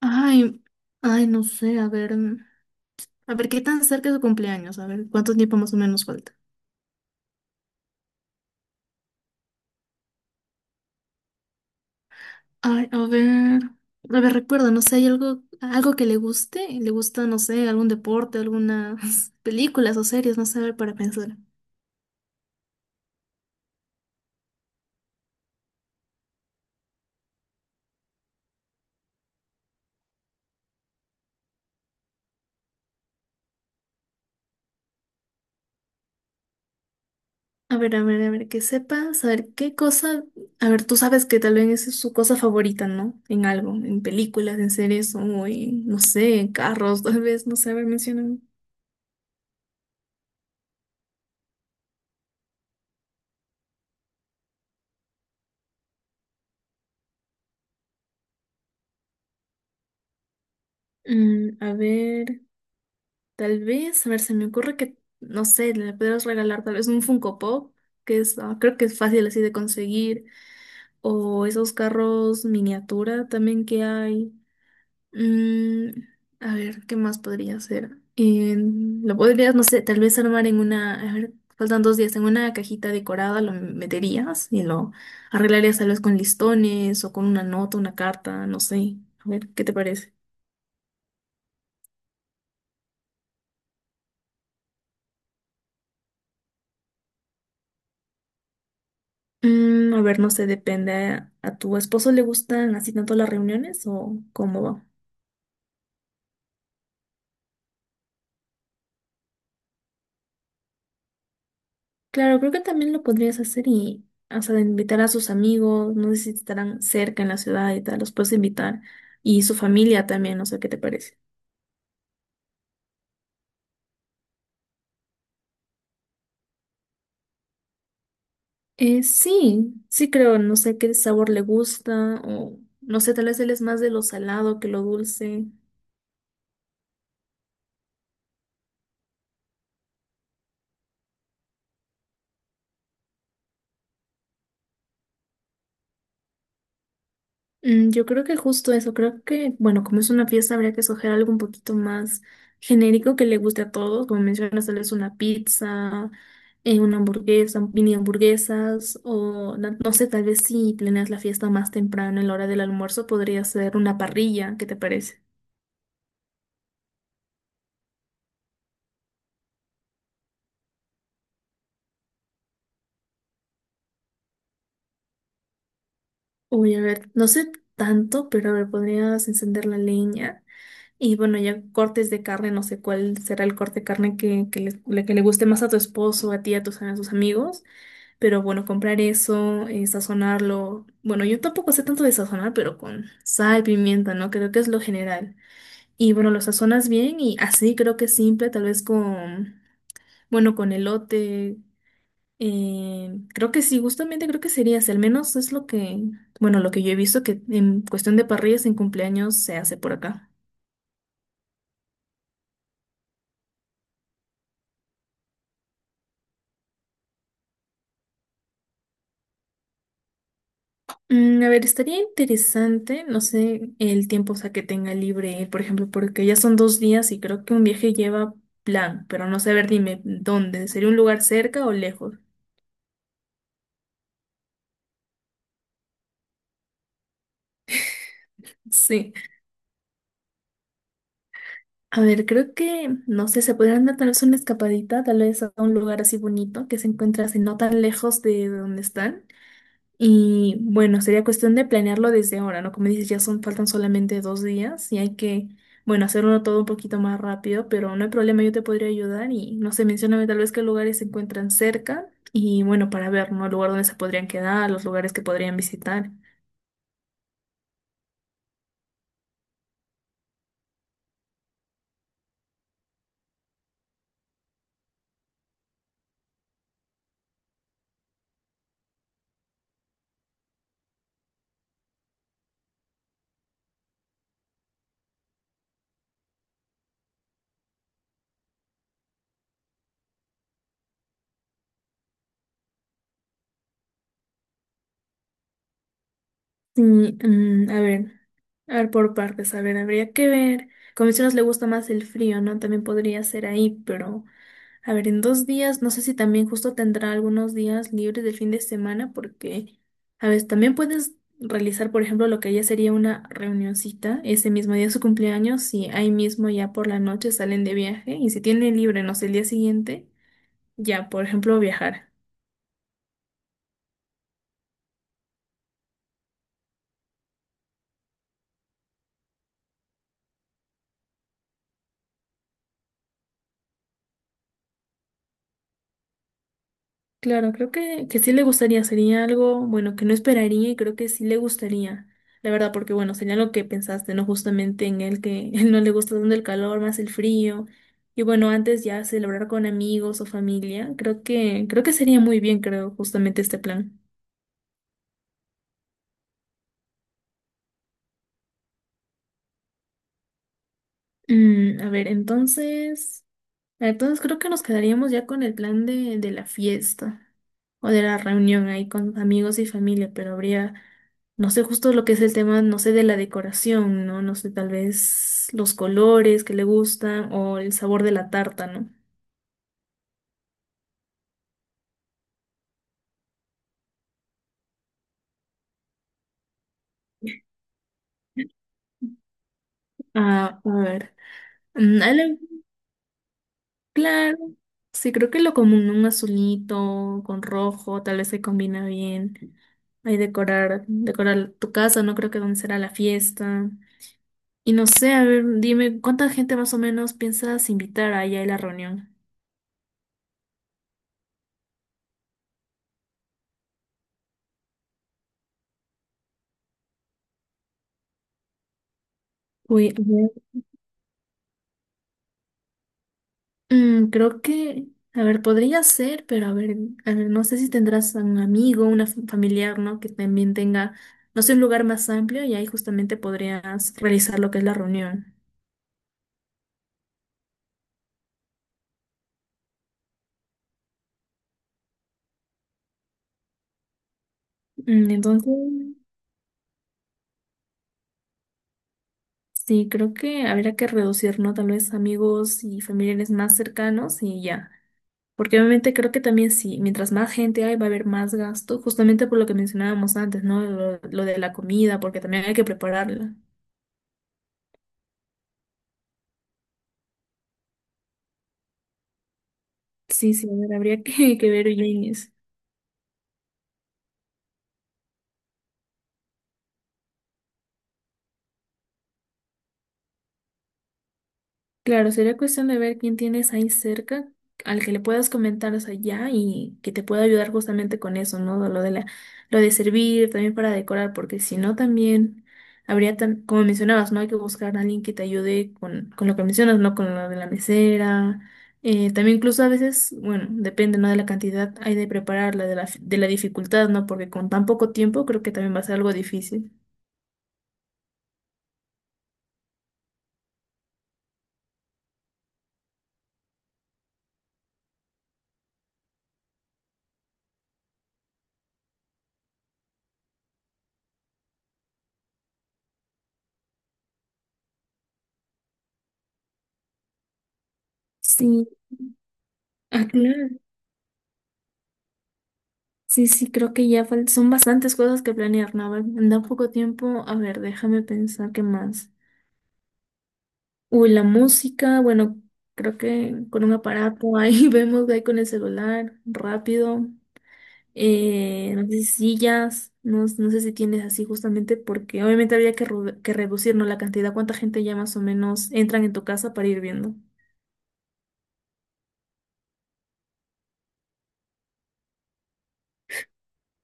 Ay, ay, no sé, a ver, a ver qué tan cerca es su cumpleaños, a ver cuánto tiempo más o menos falta. Ay, a ver, recuerda, no sé, hay algo, algo que le guste, le gusta, no sé, algún deporte, algunas películas o series, no sé, a ver, para pensar. A ver, a ver, a ver, que sepa, saber qué cosa, a ver, tú sabes que tal vez es su cosa favorita, ¿no? En algo, en películas, en series o en, no sé, en carros, tal vez, no sé, a ver, menciona. A ver, tal vez, a ver, se me ocurre que, no sé, le podrías regalar tal vez un Funko Pop, que es, creo que es fácil así de conseguir, o esos carros miniatura también que hay. Mm, a ver, ¿qué más podría ser? Lo podrías, no sé, tal vez armar en una, a ver, faltan 2 días, en una cajita decorada lo meterías y lo arreglarías tal vez con listones o con una nota, una carta, no sé. A ver, ¿qué te parece? A ver, no sé, depende. ¿A tu esposo le gustan así tanto las reuniones o cómo va? Claro, creo que también lo podrías hacer y, o sea, de invitar a sus amigos, no sé si estarán cerca en la ciudad y tal, los puedes invitar. Y su familia también, no sé qué te parece. Sí, sí creo, no sé qué sabor le gusta o, no sé, tal vez él es más de lo salado que lo dulce. Yo creo que justo eso, creo que, bueno, como es una fiesta, habría que escoger algo un poquito más genérico que le guste a todos, como mencionas, tal vez una pizza, una hamburguesa, mini hamburguesas, o no sé, tal vez si planeas la fiesta más temprano en la hora del almuerzo, podría ser una parrilla, ¿qué te parece? Uy, a ver, no sé tanto, pero a ver, podrías encender la leña. Y bueno, ya cortes de carne, no sé cuál será el corte de carne que le, que le guste más a tu esposo, a ti, a tus amigos. Pero bueno, comprar eso, sazonarlo. Bueno, yo tampoco sé tanto de sazonar, pero con sal, pimienta, ¿no? Creo que es lo general. Y bueno, lo sazonas bien y así creo que es simple, tal vez con, bueno, con elote. Creo que sí, justamente creo que sería así. Al menos es lo que, bueno, lo que yo he visto que en cuestión de parrillas en cumpleaños se hace por acá. A ver, estaría interesante, no sé, el tiempo, o sea, que tenga libre él, por ejemplo, porque ya son 2 días y creo que un viaje lleva plan, pero no sé, a ver, dime, ¿dónde? ¿Sería un lugar cerca o lejos? Sí. A ver, creo que, no sé, se podrían dar tal vez una escapadita, tal vez a un lugar así bonito que se encuentra así no tan lejos de donde están. Y bueno, sería cuestión de planearlo desde ahora, ¿no? Como dices, ya son, faltan solamente 2 días y hay que, bueno, hacerlo todo un poquito más rápido, pero no hay problema, yo te podría ayudar y no sé, mencióname tal vez qué lugares se encuentran cerca y bueno, para ver, ¿no? El lugar donde se podrían quedar, los lugares que podrían visitar. Y, a ver. A ver, por partes, a ver, habría que ver. Como mencionas, le gusta más el frío, ¿no? También podría ser ahí, pero a ver, en 2 días, no sé si también justo tendrá algunos días libres del fin de semana, porque, a ver, también puedes realizar, por ejemplo, lo que ya sería una reunioncita ese mismo día de su cumpleaños, y ahí mismo ya por la noche salen de viaje, y si tiene libre, no sé, el día siguiente, ya, por ejemplo, viajar. Claro, creo que sí le gustaría, sería algo, bueno, que no esperaría y creo que sí le gustaría, la verdad, porque bueno, sería lo que pensaste, ¿no? Justamente en él que él no le gusta tanto el calor, más el frío. Y bueno, antes ya celebrar con amigos o familia, creo que sería muy bien, creo, justamente este plan. A ver, entonces. Entonces creo que nos quedaríamos ya con el plan de la fiesta o de la reunión ahí con amigos y familia, pero habría, no sé justo lo que es el tema, no sé, de la decoración, ¿no? No sé, tal vez los colores que le gustan o el sabor de la tarta, ¿no? A ver. Mm, a la- Claro, sí, creo que lo común, un azulito con rojo, tal vez se combina bien. Ahí decorar, decorar tu casa, no creo que donde será la fiesta. Y no sé, a ver, dime, ¿cuánta gente más o menos piensas invitar allá a la reunión? Uy, a ver, creo que, a ver, podría ser, pero a ver, no sé si tendrás un amigo, una familiar, ¿no? Que también tenga, no sé, un lugar más amplio y ahí justamente podrías realizar lo que es la reunión. Entonces, sí, creo que habría que reducir, ¿no? Tal vez amigos y familiares más cercanos y ya. Porque obviamente creo que también sí, mientras más gente hay, va a haber más gasto, justamente por lo que mencionábamos antes, ¿no? Lo de la comida, porque también hay que prepararla. Sí, sí, a ver, habría que, que ver bien eso. Claro, sería cuestión de ver quién tienes ahí cerca, al que le puedas comentar, o sea, ya, y que te pueda ayudar justamente con eso, ¿no? Lo de la, lo de servir, también para decorar, porque si no también habría, como mencionabas, ¿no? Hay que buscar a alguien que te ayude con lo que mencionas, ¿no? Con lo de la mesera. También incluso a veces, bueno, depende, ¿no? De la cantidad hay de prepararla, de la dificultad, ¿no? Porque con tan poco tiempo creo que también va a ser algo difícil. Sí, claro. Sí, sí, creo que ya son bastantes cosas que planear, Naval. Da poco tiempo. A ver, déjame pensar qué más. Uy, la música, bueno, creo que con un aparato ahí vemos ahí con el celular, rápido. No sé si sillas, no, no sé si tienes así justamente porque obviamente habría que, que reducir, ¿no? La cantidad, cuánta gente ya más o menos entran en tu casa para ir viendo.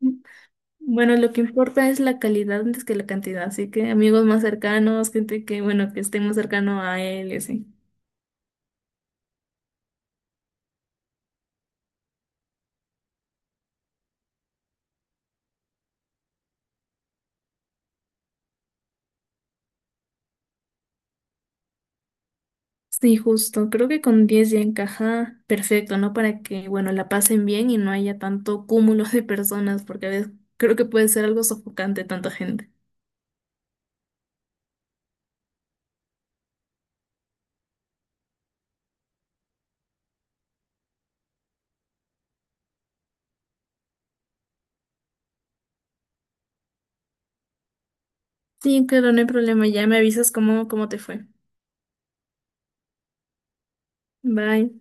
Mm, Bueno, lo que importa es la calidad antes que la cantidad, así que amigos más cercanos, gente que, bueno, que esté más cercano a él, y así. Sí, justo. Creo que con 10 ya encaja perfecto, ¿no? Para que, bueno, la pasen bien y no haya tanto cúmulo de personas, porque a veces creo que puede ser algo sofocante tanta gente. Sí, claro, no hay problema. Ya me avisas cómo, cómo te fue. Bye.